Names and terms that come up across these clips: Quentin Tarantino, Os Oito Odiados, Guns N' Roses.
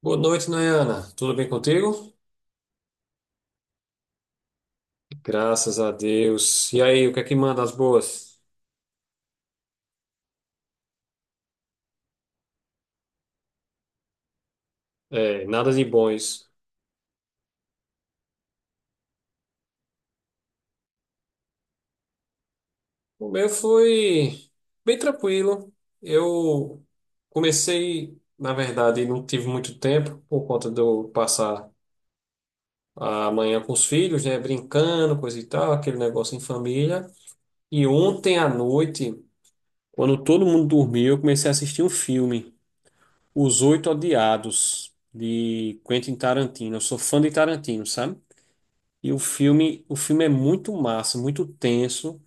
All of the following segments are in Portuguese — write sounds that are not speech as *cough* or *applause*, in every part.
Boa noite, Nayana. Tudo bem contigo? Graças a Deus. E aí, o que é que manda as boas? É, nada de bons. O meu foi bem tranquilo. Eu Na verdade, não tive muito tempo por conta de eu passar a manhã com os filhos, né, brincando, coisa e tal, aquele negócio em família. E ontem à noite, quando todo mundo dormiu, eu comecei a assistir um filme, Os Oito Odiados, de Quentin Tarantino. Eu sou fã de Tarantino, sabe? E o filme é muito massa, muito tenso.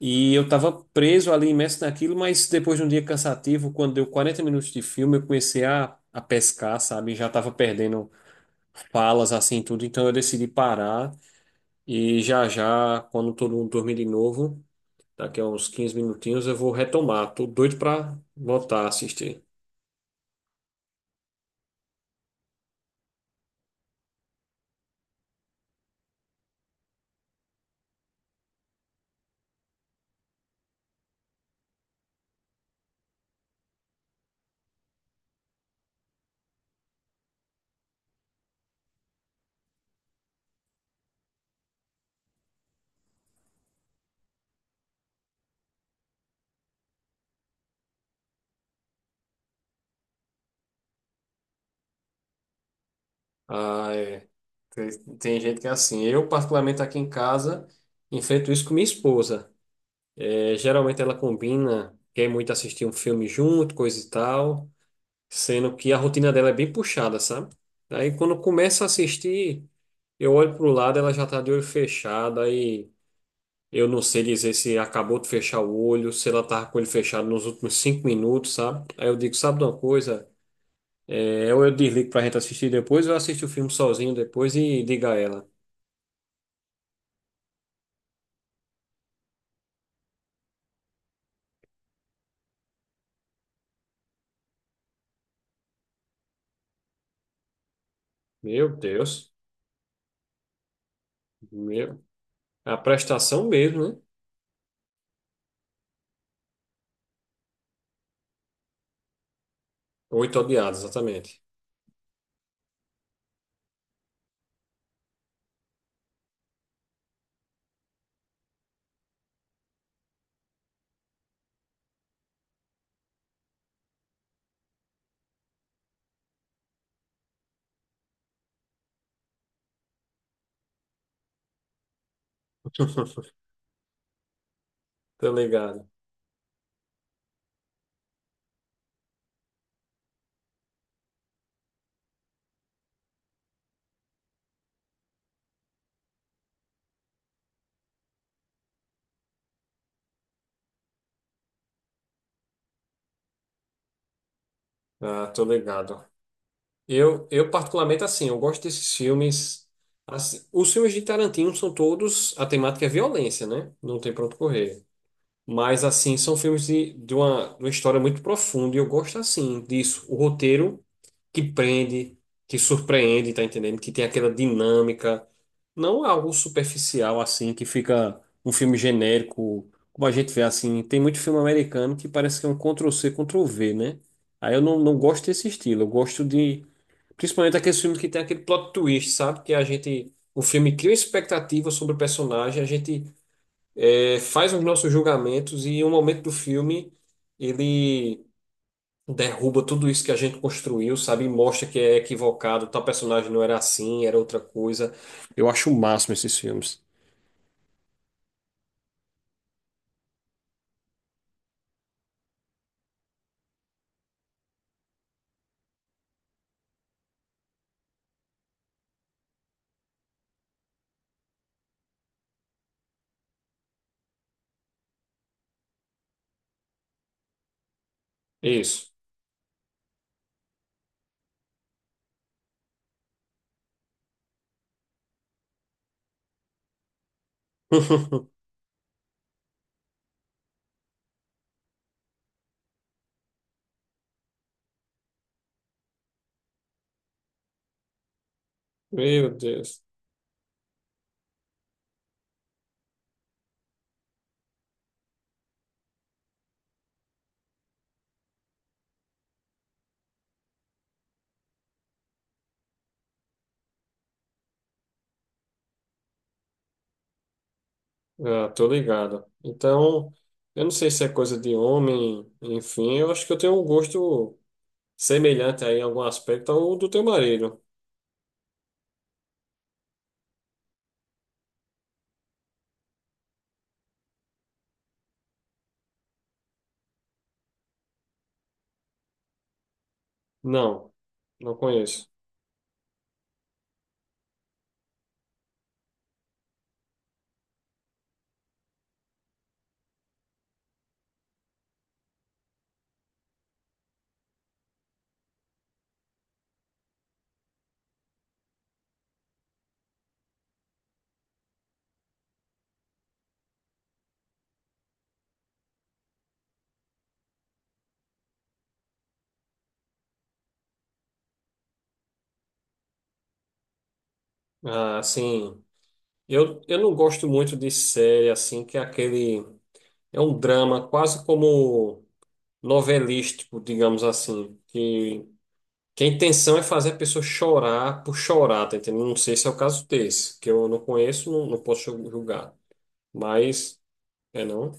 E eu tava preso ali, imerso naquilo, mas depois de um dia cansativo, quando deu 40 minutos de filme, eu comecei a pescar, sabe? Já tava perdendo falas, assim, tudo. Então eu decidi parar. E já já, quando todo mundo dormir de novo, daqui a uns 15 minutinhos, eu vou retomar. Tô doido pra voltar a assistir. Ah, é. Tem, tem gente que é assim. Eu, particularmente aqui em casa, enfrento isso com minha esposa. É, geralmente ela combina, quer muito assistir um filme junto, coisa e tal, sendo que a rotina dela é bem puxada, sabe? Aí quando começa a assistir, eu olho pro lado, ela já tá de olho fechado, aí eu não sei dizer se acabou de fechar o olho, se ela tava com ele fechado nos últimos 5 minutos, sabe? Aí eu digo, sabe de uma coisa? É, ou eu desligo pra gente assistir depois, ou eu assisto o filme sozinho depois e digo a ela, meu Deus, meu, a prestação mesmo, né? Oito odiados, exatamente. *laughs* Tô ligado. Ah, tô ligado. Eu particularmente, assim, eu gosto desses filmes. Assim, os filmes de Tarantino são todos, a temática é violência, né? Não tem pra onde correr. Mas, assim, são filmes de uma história muito profunda e eu gosto, assim, disso. O roteiro que prende, que surpreende, tá entendendo? Que tem aquela dinâmica. Não algo superficial, assim, que fica um filme genérico, como a gente vê, assim. Tem muito filme americano que parece que é um Ctrl-C, Ctrl-V, né? Aí eu não, não gosto desse estilo. Eu gosto de. Principalmente aqueles filmes que tem aquele plot twist, sabe? Que a gente. O filme cria expectativa sobre o personagem, a gente faz os nossos julgamentos e em um momento do filme ele derruba tudo isso que a gente construiu, sabe? E mostra que é equivocado, tal personagem não era assim, era outra coisa. Eu acho o máximo esses filmes. Isso. *laughs* Meu Deus. Ah, tô ligado. Então, eu não sei se é coisa de homem, enfim, eu acho que eu tenho um gosto semelhante aí em algum aspecto ao do teu marido. Não, não conheço. Ah, sim. Eu não gosto muito de série assim, que é aquele. É um drama quase como novelístico, digamos assim. Que a intenção é fazer a pessoa chorar por chorar, tá entendendo? Não sei se é o caso desse, que eu não conheço, não, não posso julgar. Mas, é não?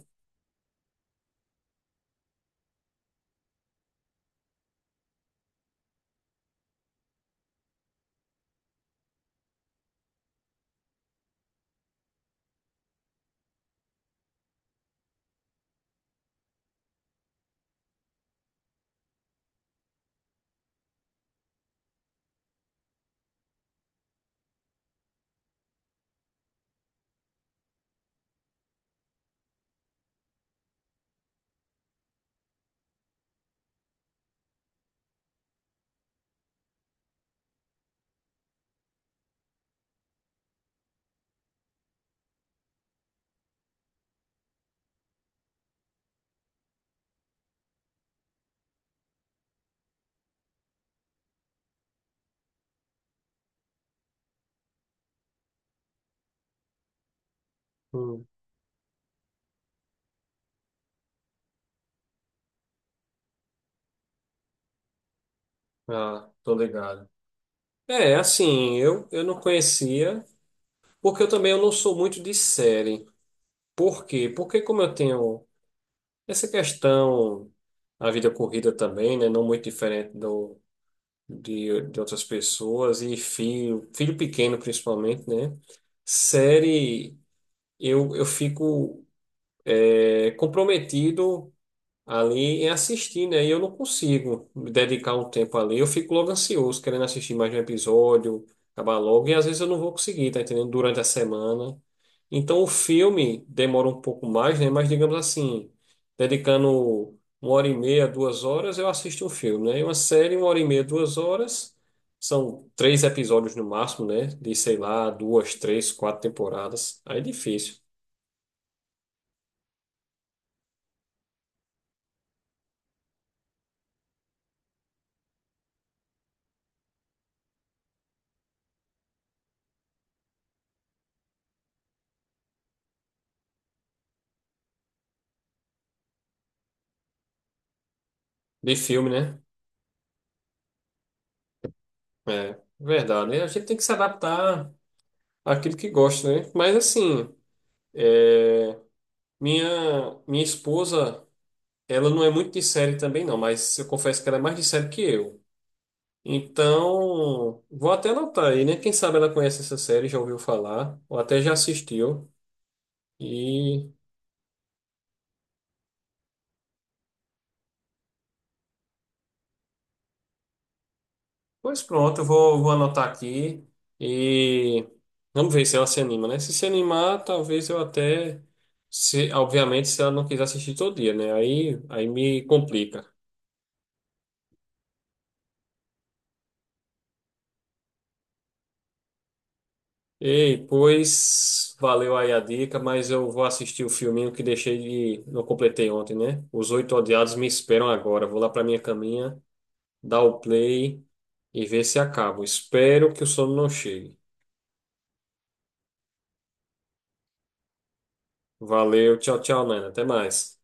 Hum. Ah, tô ligado. É, assim, eu não conhecia, porque eu também eu não sou muito de série. Por quê? Porque como eu tenho. Essa questão, a vida corrida também, né? Não muito diferente do, de outras pessoas, e filho, filho pequeno principalmente, né? Série, eu fico comprometido ali em assistir, né? E eu não consigo me dedicar um tempo ali. Eu fico logo ansioso, querendo assistir mais um episódio, acabar logo, e às vezes eu não vou conseguir, tá entendendo? Durante a semana. Então o filme demora um pouco mais, né? Mas digamos assim, dedicando uma hora e meia, 2 horas, eu assisto um filme, né? E uma série, uma hora e meia, duas horas. São três episódios no máximo, né? De, sei lá, duas, três, quatro temporadas. Aí é difícil. De filme, né? É, verdade. Né? A gente tem que se adaptar aquilo que gosta, né? Mas assim, é, minha esposa, ela não é muito de série também não, mas eu confesso que ela é mais de série que eu. Então, vou até anotar aí, né? Quem sabe ela conhece essa série, já ouviu falar, ou até já assistiu. E, pois pronto, eu vou anotar aqui e vamos ver se ela se anima, né? Se se animar, talvez eu até, se, obviamente, se ela não quiser assistir todo dia, né? Aí me complica. Ei, pois valeu aí a dica, mas eu vou assistir o filminho que deixei de. Não completei ontem, né? Os Oito Odiados me esperam agora. Vou lá pra minha caminha, dar o play e ver se acabo. Espero que o sono não chegue. Valeu, tchau, tchau, Nana. Até mais.